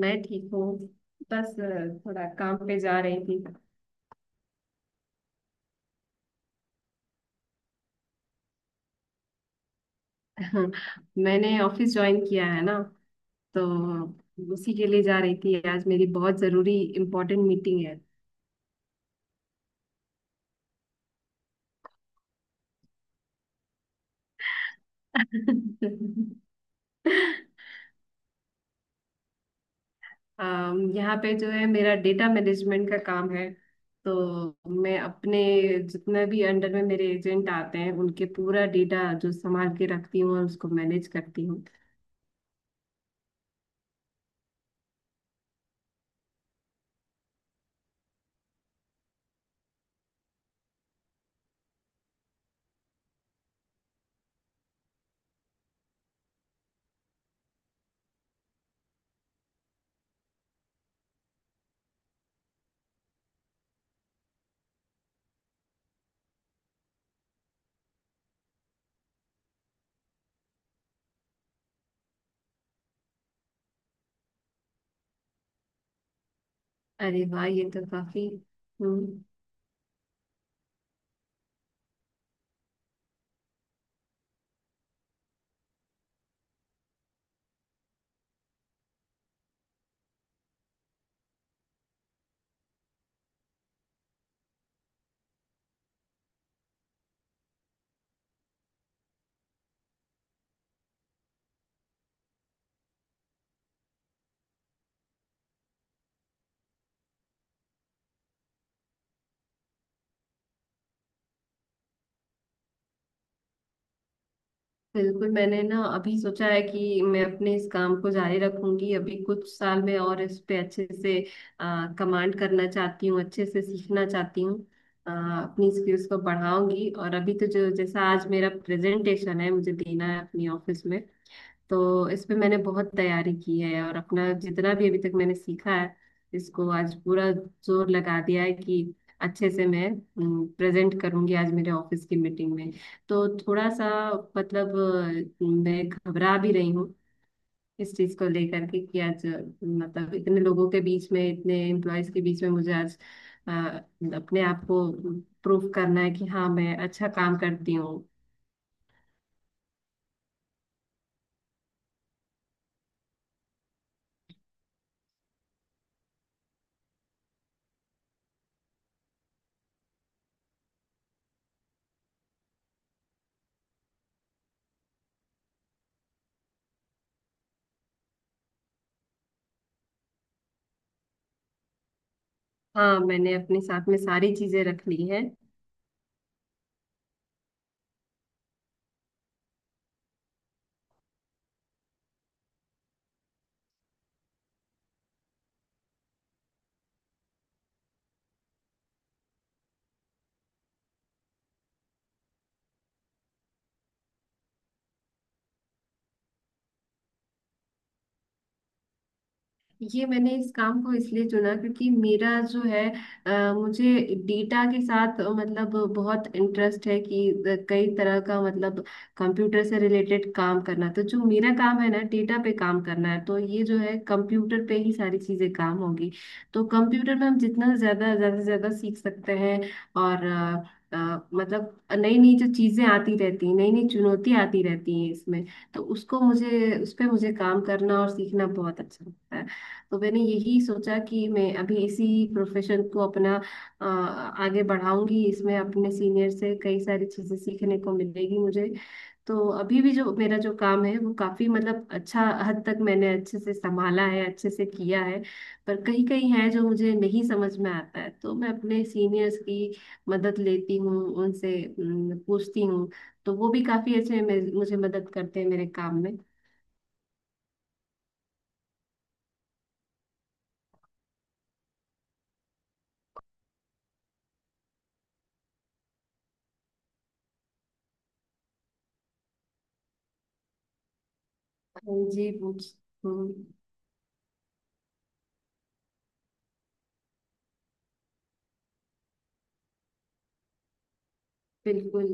मैं ठीक हूँ। बस थोड़ा काम पे जा रही थी। मैंने ऑफिस ज्वाइन किया है ना, तो उसी के लिए जा रही थी। आज मेरी बहुत जरूरी इम्पोर्टेंट मीटिंग है। यहाँ पे जो है मेरा डेटा मैनेजमेंट का काम है। तो मैं अपने जितने भी अंडर में मेरे एजेंट आते हैं उनके पूरा डेटा जो संभाल के रखती हूँ और उसको मैनेज करती हूँ। अरे वाह, ये तो काफी। हम्म। बिल्कुल, मैंने ना अभी सोचा है कि मैं अपने इस काम को जारी रखूंगी अभी कुछ साल में, और इस पे अच्छे से कमांड करना चाहती हूँ, अच्छे से सीखना चाहती हूँ। अपनी स्किल्स को बढ़ाऊंगी। और अभी तो जो जैसा आज मेरा प्रेजेंटेशन है मुझे देना है अपनी ऑफिस में। तो इस पे मैंने बहुत तैयारी की है और अपना जितना भी अभी तक मैंने सीखा है इसको आज पूरा जोर लगा दिया है कि अच्छे से मैं प्रेजेंट करूंगी आज मेरे ऑफिस की मीटिंग में। तो थोड़ा सा मतलब मैं घबरा भी रही हूँ इस चीज को लेकर के कि आज मतलब इतने लोगों के बीच में इतने एम्प्लॉयज के बीच में मुझे आज अ, अपने आप को प्रूफ करना है कि हाँ मैं अच्छा काम करती हूँ। हाँ मैंने अपने साथ में सारी चीजें रख ली हैं। ये मैंने इस काम को इसलिए चुना क्योंकि मेरा जो है मुझे डेटा के साथ मतलब बहुत इंटरेस्ट है कि कई तरह का मतलब कंप्यूटर से रिलेटेड काम करना। तो जो मेरा काम है ना डेटा पे काम करना है, तो ये जो है कंप्यूटर पे ही सारी चीजें काम होगी। तो कंप्यूटर में हम जितना ज्यादा ज्यादा से ज्यादा सीख सकते हैं। और मतलब नई नई जो चीजें आती रहती हैं, नई नई चुनौतियां आती रहती हैं इसमें। तो उसको मुझे उस पे मुझे काम करना और सीखना बहुत अच्छा लगता है। तो मैंने यही सोचा कि मैं अभी इसी प्रोफेशन को अपना आगे बढ़ाऊंगी। इसमें अपने सीनियर से कई सारी चीजें सीखने को मिलेगी मुझे। तो अभी भी जो मेरा जो काम है वो काफी मतलब अच्छा हद तक मैंने अच्छे से संभाला है, अच्छे से किया है। पर कहीं कहीं है जो मुझे नहीं समझ में आता है तो मैं अपने सीनियर्स की मदद लेती हूँ उनसे, पूछती हूँ। तो वो भी काफी अच्छे मुझे मदद करते हैं मेरे काम में। हाँ जी, पूछ। हम्म। बिल्कुल।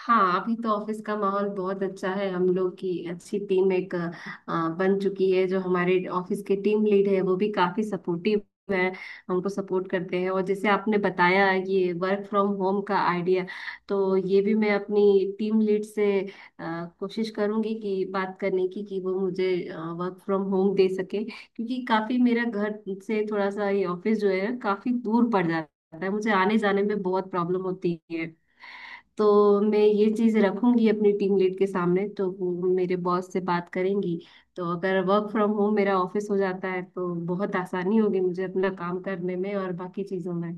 हाँ अभी तो ऑफिस का माहौल बहुत अच्छा है, हम लोग की अच्छी टीम एक बन चुकी है। जो हमारे ऑफिस के टीम लीड है वो भी काफी सपोर्टिव है, हमको सपोर्ट करते हैं। और जैसे आपने बताया ये वर्क फ्रॉम होम का आइडिया, तो ये भी मैं अपनी टीम लीड से कोशिश करूंगी कि बात करने की कि वो मुझे वर्क फ्रॉम होम दे सके, क्योंकि काफी मेरा घर से थोड़ा सा ये ऑफिस जो है काफी दूर पड़ जाता है, मुझे आने जाने में बहुत प्रॉब्लम होती है। तो मैं ये चीज रखूंगी अपनी टीम लीड के सामने, तो वो मेरे बॉस से बात करेंगी। तो अगर वर्क फ्रॉम होम मेरा ऑफिस हो जाता है तो बहुत आसानी होगी मुझे अपना काम करने में और बाकी चीजों में।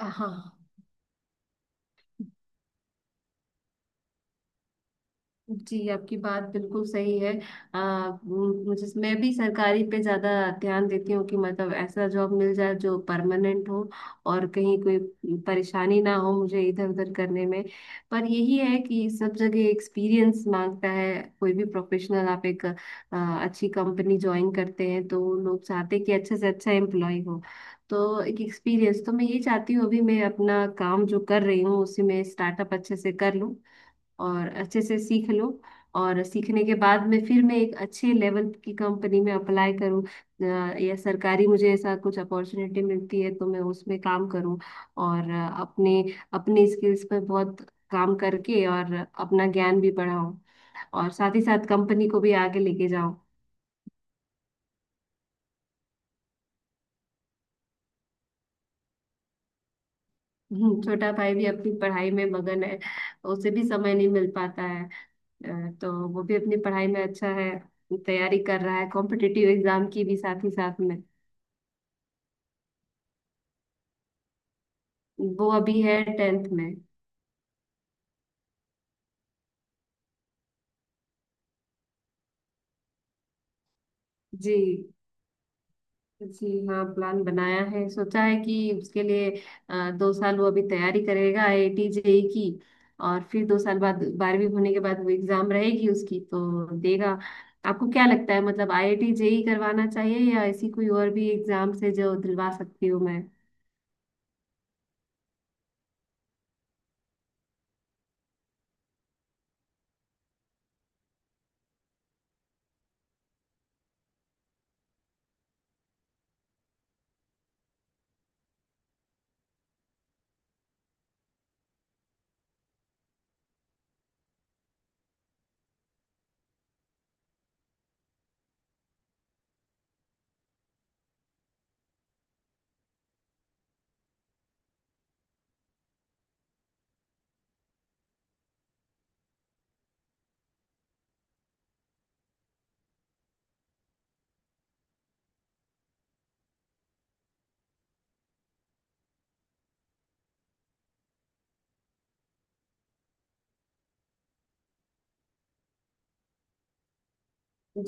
हाँ जी, आपकी बात बिल्कुल सही है। मुझे मैं भी सरकारी पे ज़्यादा ध्यान देती हूँ कि मतलब ऐसा जॉब मिल जाए जो परमानेंट हो, और कहीं कोई परेशानी ना हो मुझे इधर उधर करने में। पर यही है कि सब जगह एक्सपीरियंस मांगता है। कोई भी प्रोफेशनल आप एक अच्छी कंपनी ज्वाइन करते हैं तो लोग चाहते हैं कि अच्छे से अच्छा एम्प्लॉय हो। तो एक एक्सपीरियंस तो मैं ये चाहती हूँ, अभी मैं अपना काम जो कर रही हूँ उसी में स्टार्टअप अच्छे से कर लूँ और अच्छे से सीख लो। और सीखने के बाद में फिर मैं एक अच्छे लेवल की कंपनी में अप्लाई करूँ, या सरकारी मुझे ऐसा कुछ अपॉर्चुनिटी मिलती है तो मैं उसमें काम करूँ। और अपने अपने स्किल्स पर बहुत काम करके और अपना ज्ञान भी बढ़ाऊँ, और साथ ही साथ कंपनी को भी आगे लेके जाऊँ। छोटा भाई भी अपनी पढ़ाई में मगन है। उसे भी समय नहीं मिल पाता है। तो वो भी अपनी पढ़ाई में अच्छा है। तैयारी कर रहा है कॉम्पिटिटिव एग्जाम की भी साथ ही साथ में। वो अभी है टेंथ में। जी जी हाँ, प्लान बनाया है, सोचा है कि उसके लिए दो साल वो अभी तैयारी करेगा आईआईटी जेई की, और फिर दो साल बाद बारहवीं होने के बाद वो एग्जाम रहेगी उसकी तो देगा। आपको क्या लगता है, मतलब आईआईटी जेई करवाना चाहिए या ऐसी कोई और भी एग्जाम से जो दिलवा सकती हूँ मैं?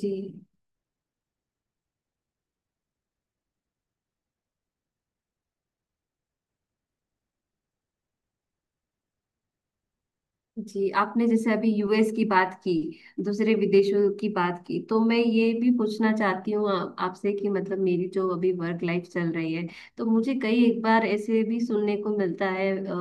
जी। जी, आपने जैसे अभी यूएस की बात की, दूसरे विदेशों की बात की, तो मैं ये भी पूछना चाहती हूँ आपसे कि मतलब मेरी जो अभी वर्क लाइफ चल रही है, तो मुझे कई एक बार ऐसे भी सुनने को मिलता है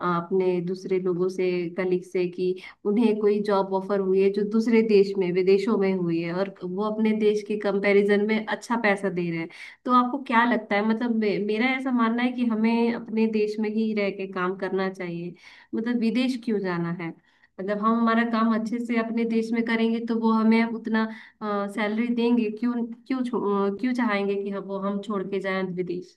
अपने दूसरे लोगों से, कलीग से, कि उन्हें कोई जॉब ऑफर हुई है जो दूसरे देश में विदेशों में हुई है और वो अपने देश के कंपैरिजन में अच्छा पैसा दे रहे हैं। तो आपको क्या लगता है, मतलब मेरा ऐसा मानना है कि हमें अपने देश में ही रह के काम करना चाहिए। मतलब विदेश क्यों जाना है? मतलब हम हमारा काम अच्छे से अपने देश में करेंगे तो वो हमें उतना सैलरी देंगे क्यों? क्यों क्यों चाहेंगे कि हम वो हम छोड़ के जाएं विदेश?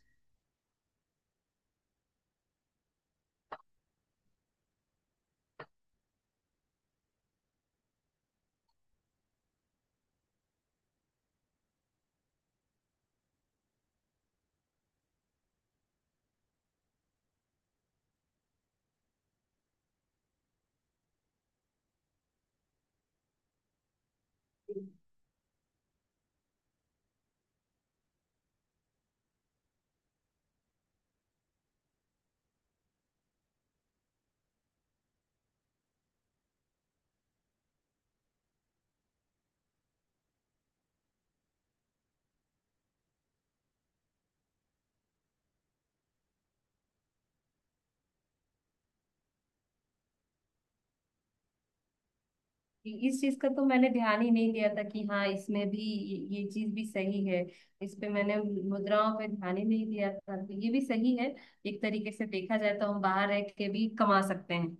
इस चीज का तो मैंने ध्यान ही नहीं दिया था कि हाँ इसमें भी ये चीज भी सही है। इस पे मैंने मुद्राओं पे ध्यान ही नहीं दिया था, तो ये भी सही है। एक तरीके से देखा जाए तो हम बाहर रह के भी कमा सकते हैं।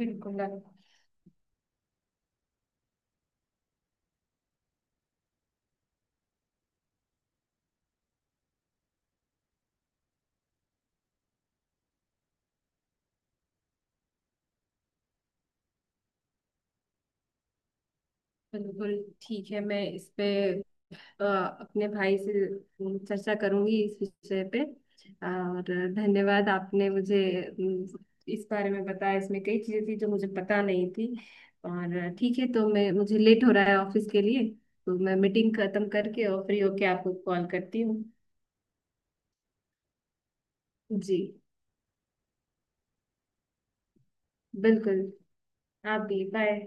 बिल्कुल। बिल्कुल, ठीक है। मैं इस पे अ, अपने भाई से चर्चा करूंगी इस विषय पे। और धन्यवाद, आपने मुझे इस बारे में बताया, इसमें कई चीजें थी जो मुझे पता नहीं थी। और ठीक है, तो मैं मुझे लेट हो रहा है ऑफिस के लिए। तो मैं मीटिंग खत्म करके और फ्री होके आपको कॉल करती हूँ। जी। बिल्कुल। आप भी, बाय।